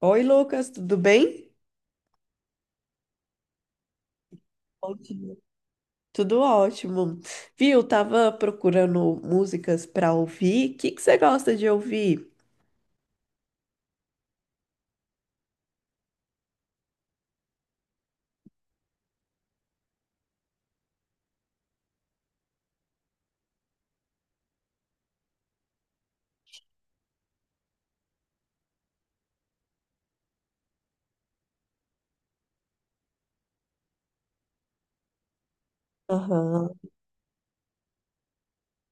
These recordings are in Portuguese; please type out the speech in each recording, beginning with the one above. Oi, Lucas, tudo bem? Ótimo. Tudo ótimo. Viu, tava procurando músicas para ouvir. O que que você gosta de ouvir? Aham.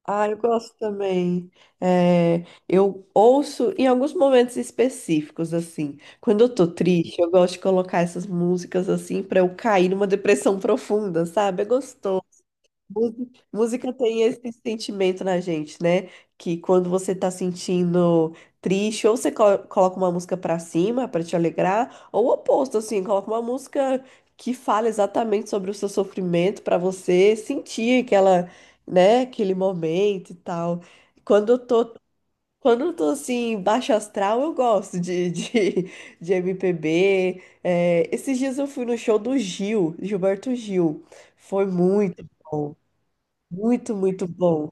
Ah, eu gosto também. É, eu ouço em alguns momentos específicos, assim. Quando eu tô triste, eu gosto de colocar essas músicas assim para eu cair numa depressão profunda, sabe? É gostoso. Música tem esse sentimento na gente, né? Que quando você tá sentindo triste, ou você coloca uma música pra cima pra te alegrar, ou o oposto, assim, coloca uma música que fala exatamente sobre o seu sofrimento pra você sentir aquela, né, aquele momento e tal. Quando eu tô, quando eu tô assim, baixo astral, eu gosto de, de MPB. É, esses dias eu fui no show do Gilberto Gil. Foi muito bom. Muito, muito bom.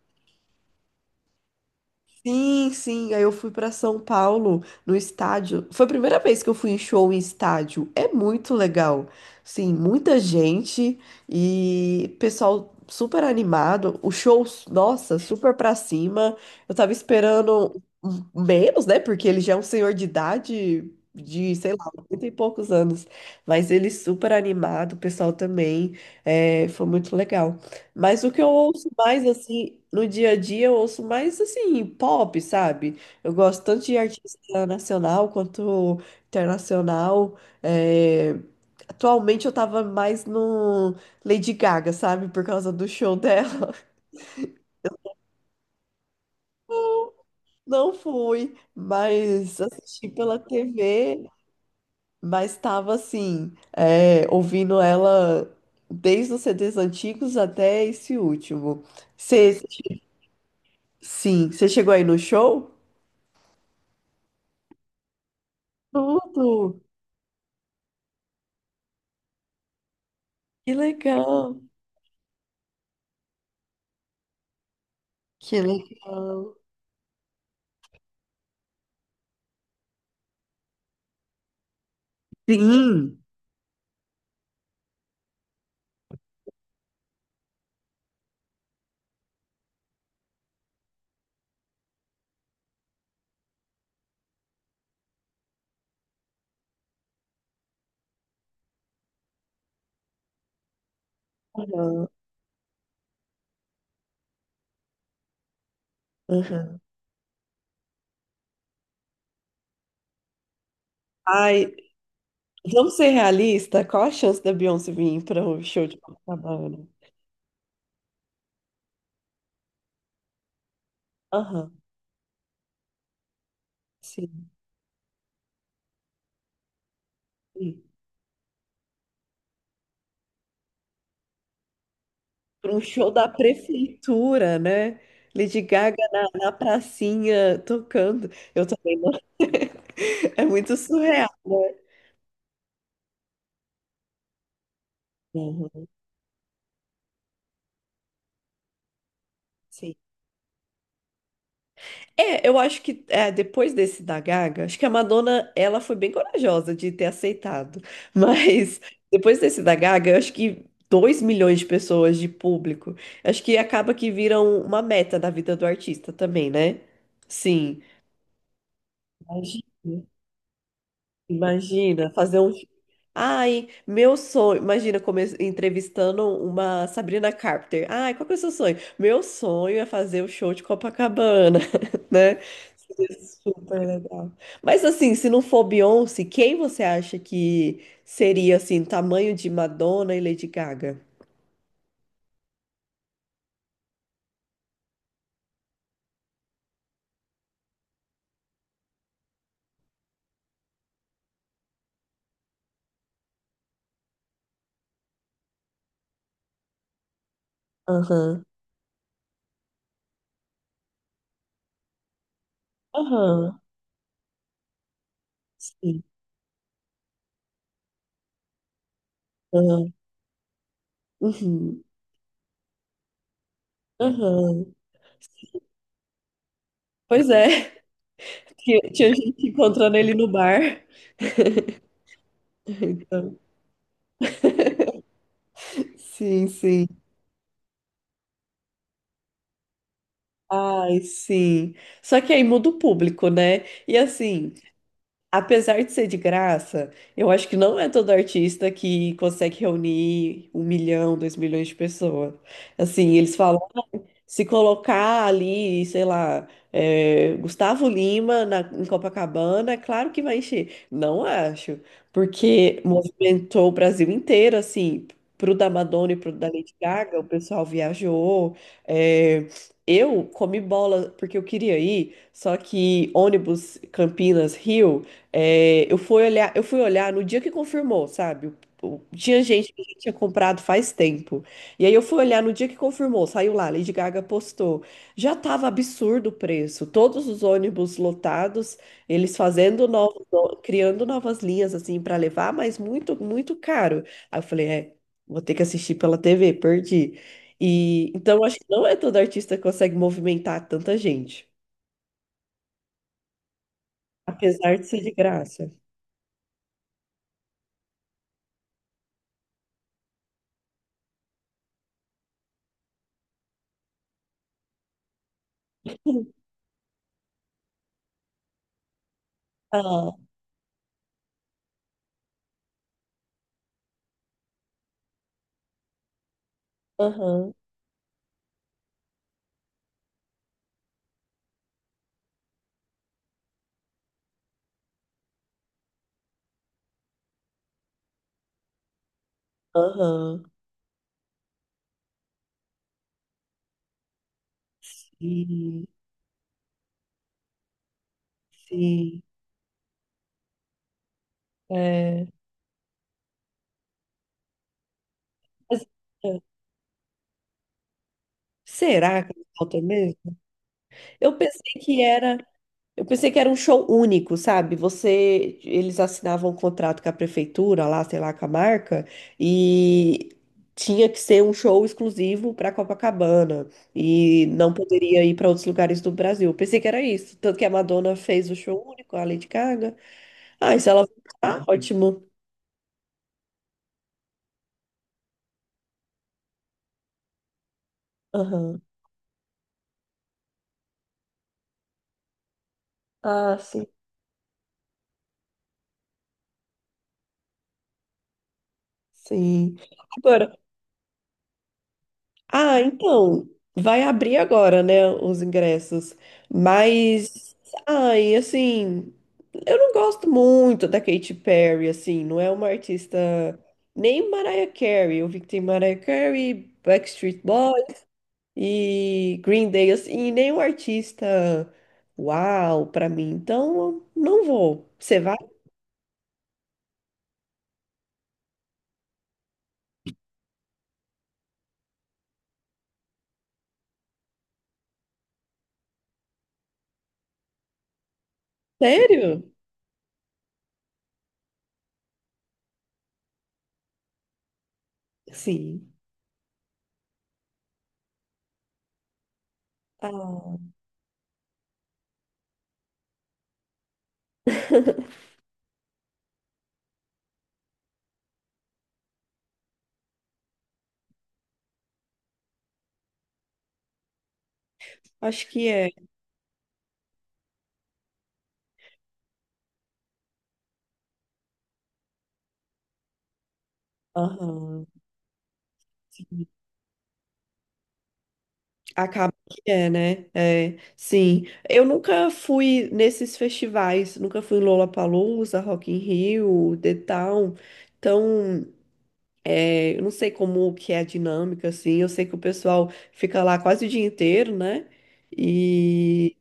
Sim, sim. Aí eu fui para São Paulo no estádio. Foi a primeira vez que eu fui em show em estádio. É muito legal. Sim, muita gente e pessoal super animado. O show, nossa, super pra cima. Eu tava esperando menos, né? Porque ele já é um senhor de idade de, sei lá, 80 e poucos anos. Mas ele super animado, o pessoal também. É, foi muito legal. Mas o que eu ouço mais, assim, no dia a dia, eu ouço mais, assim, pop, sabe? Eu gosto tanto de artista nacional quanto internacional. É, Atualmente eu tava mais no Lady Gaga, sabe? Por causa do show dela. Não fui, mas assisti pela TV, mas tava, assim, ouvindo ela desde os CDs antigos até esse último. Cê... Sim, você chegou aí no show? Tudo! Que legal! Que legal! Sim. Aham, aham. Ai, vamos ser realistas? Qual a chance da Beyoncé vir para um show de Copacabana? Aham, sim. Sim. Para um show da prefeitura, né? Lady Gaga na pracinha tocando. Eu também não. É muito surreal, né? Aham, sim. Eu acho que é, depois desse da Gaga, acho que a Madonna, ela foi bem corajosa de ter aceitado. Mas depois desse da Gaga, eu acho que 2 milhões de pessoas de público, acho que acaba que viram uma meta da vida do artista também, né? Sim. Imagina. Imagina, fazer um. Ai, meu sonho. Imagina come... entrevistando uma Sabrina Carpenter. Ai, qual que é o seu sonho? Meu sonho é fazer o show de Copacabana, né? Seria super legal. Mas assim, se não for Beyoncé, quem você acha que seria assim, tamanho de Madonna e Lady Gaga? Aham. Aham. Sim. Aham. Uhum. Aham. Pois é, tinha gente encontrando ele no bar. Então. Sim, sim. Ai, sim. Só que aí muda o público, né? E assim, apesar de ser de graça, eu acho que não é todo artista que consegue reunir 1 milhão, 2 milhões de pessoas. Assim, eles falam. Se colocar ali, sei lá, é, Gustavo Lima em Copacabana, é claro que vai encher. Não acho, porque movimentou o Brasil inteiro, assim, pro da Madonna e pro da Lady Gaga, o pessoal viajou. É, eu comi bola porque eu queria ir, só que ônibus Campinas, Rio, é, eu fui olhar no dia que confirmou, sabe? Tinha gente que já tinha comprado faz tempo. E aí eu fui olhar no dia que confirmou, saiu lá, Lady Gaga postou. Já tava absurdo o preço, todos os ônibus lotados, eles fazendo novos, criando novas linhas assim para levar, mas muito, muito caro. Aí eu falei, é, vou ter que assistir pela TV, perdi. E então acho que não é todo artista que consegue movimentar tanta gente, apesar de ser de graça. Ah, aham, aham. Sim, sim. É. Mas, é, será que falta mesmo? Eu pensei que era, eu pensei que era um show único, sabe? Você, eles assinavam um contrato com a prefeitura, lá, sei lá, com a marca, e tinha que ser um show exclusivo para Copacabana e não poderia ir para outros lugares do Brasil. Eu pensei que era isso, tanto que a Madonna fez o show único, a Lady Gaga. Ah, e se ela voltar, ótimo. Aham. Ah, sim. Sim. Agora ah, então, vai abrir agora, né, os ingressos. Mas, ai, assim, eu não gosto muito da Katy Perry, assim, não é uma artista nem Mariah Carey. Eu vi que tem Mariah Carey, Backstreet Boys e Green Day, assim, e nenhum artista uau pra mim. Então, eu não vou. Você vai? Sério? Sim. Ah, acho que é. Aham. Acaba que é, né? É, sim. Eu nunca fui nesses festivais, nunca fui em Lollapalooza, Rock in Rio, The Town. Então, é, eu não sei como que é a dinâmica, assim. Eu sei que o pessoal fica lá quase o dia inteiro, né? E,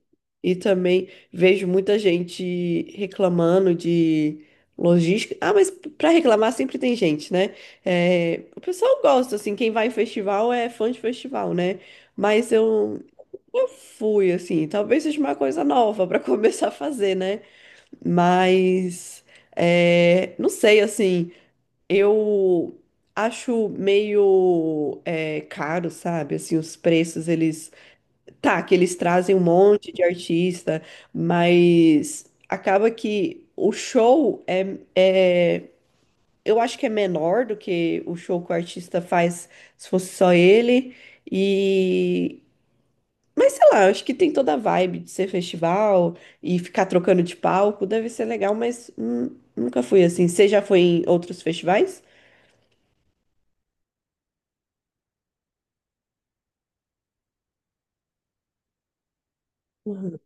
e também vejo muita gente reclamando de logística. Ah, mas para reclamar sempre tem gente, né? É, o pessoal gosta, assim, quem vai em festival é fã de festival, né? Mas eu eu fui, assim, talvez seja uma coisa nova para começar a fazer, né? Mas, é, não sei, assim, eu acho meio é, caro, sabe? Assim, os preços, eles... Tá, que eles trazem um monte de artista, mas acaba que o show é... Eu acho que é menor do que o show que o artista faz se fosse só ele. E, mas sei lá, eu acho que tem toda a vibe de ser festival e ficar trocando de palco, deve ser legal, mas nunca fui assim. Você já foi em outros festivais? Uhum.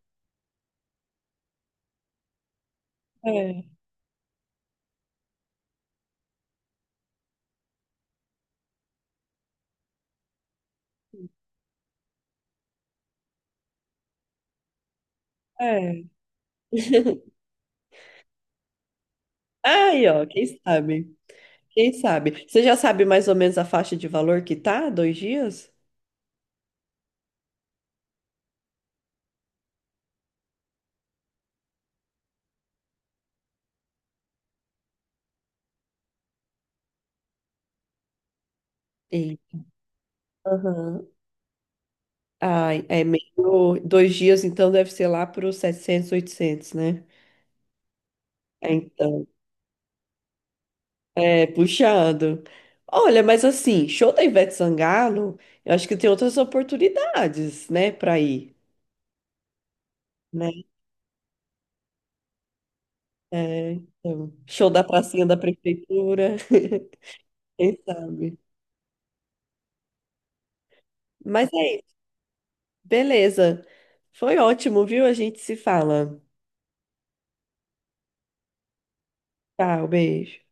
É, é. Aí, ó, quem sabe? Quem sabe? Você já sabe mais ou menos a faixa de valor que tá? Dois dias? Ei. Aham. Ai, é meio. Dois dias, então deve ser lá para os 700, 800, né? É, então. É, puxando. Olha, mas assim, show da Ivete Sangalo, eu acho que tem outras oportunidades, né, para ir, né? É, então, show da pracinha da prefeitura, quem sabe. Mas é isso, beleza. Foi ótimo, viu? A gente se fala. Tchau, beijo.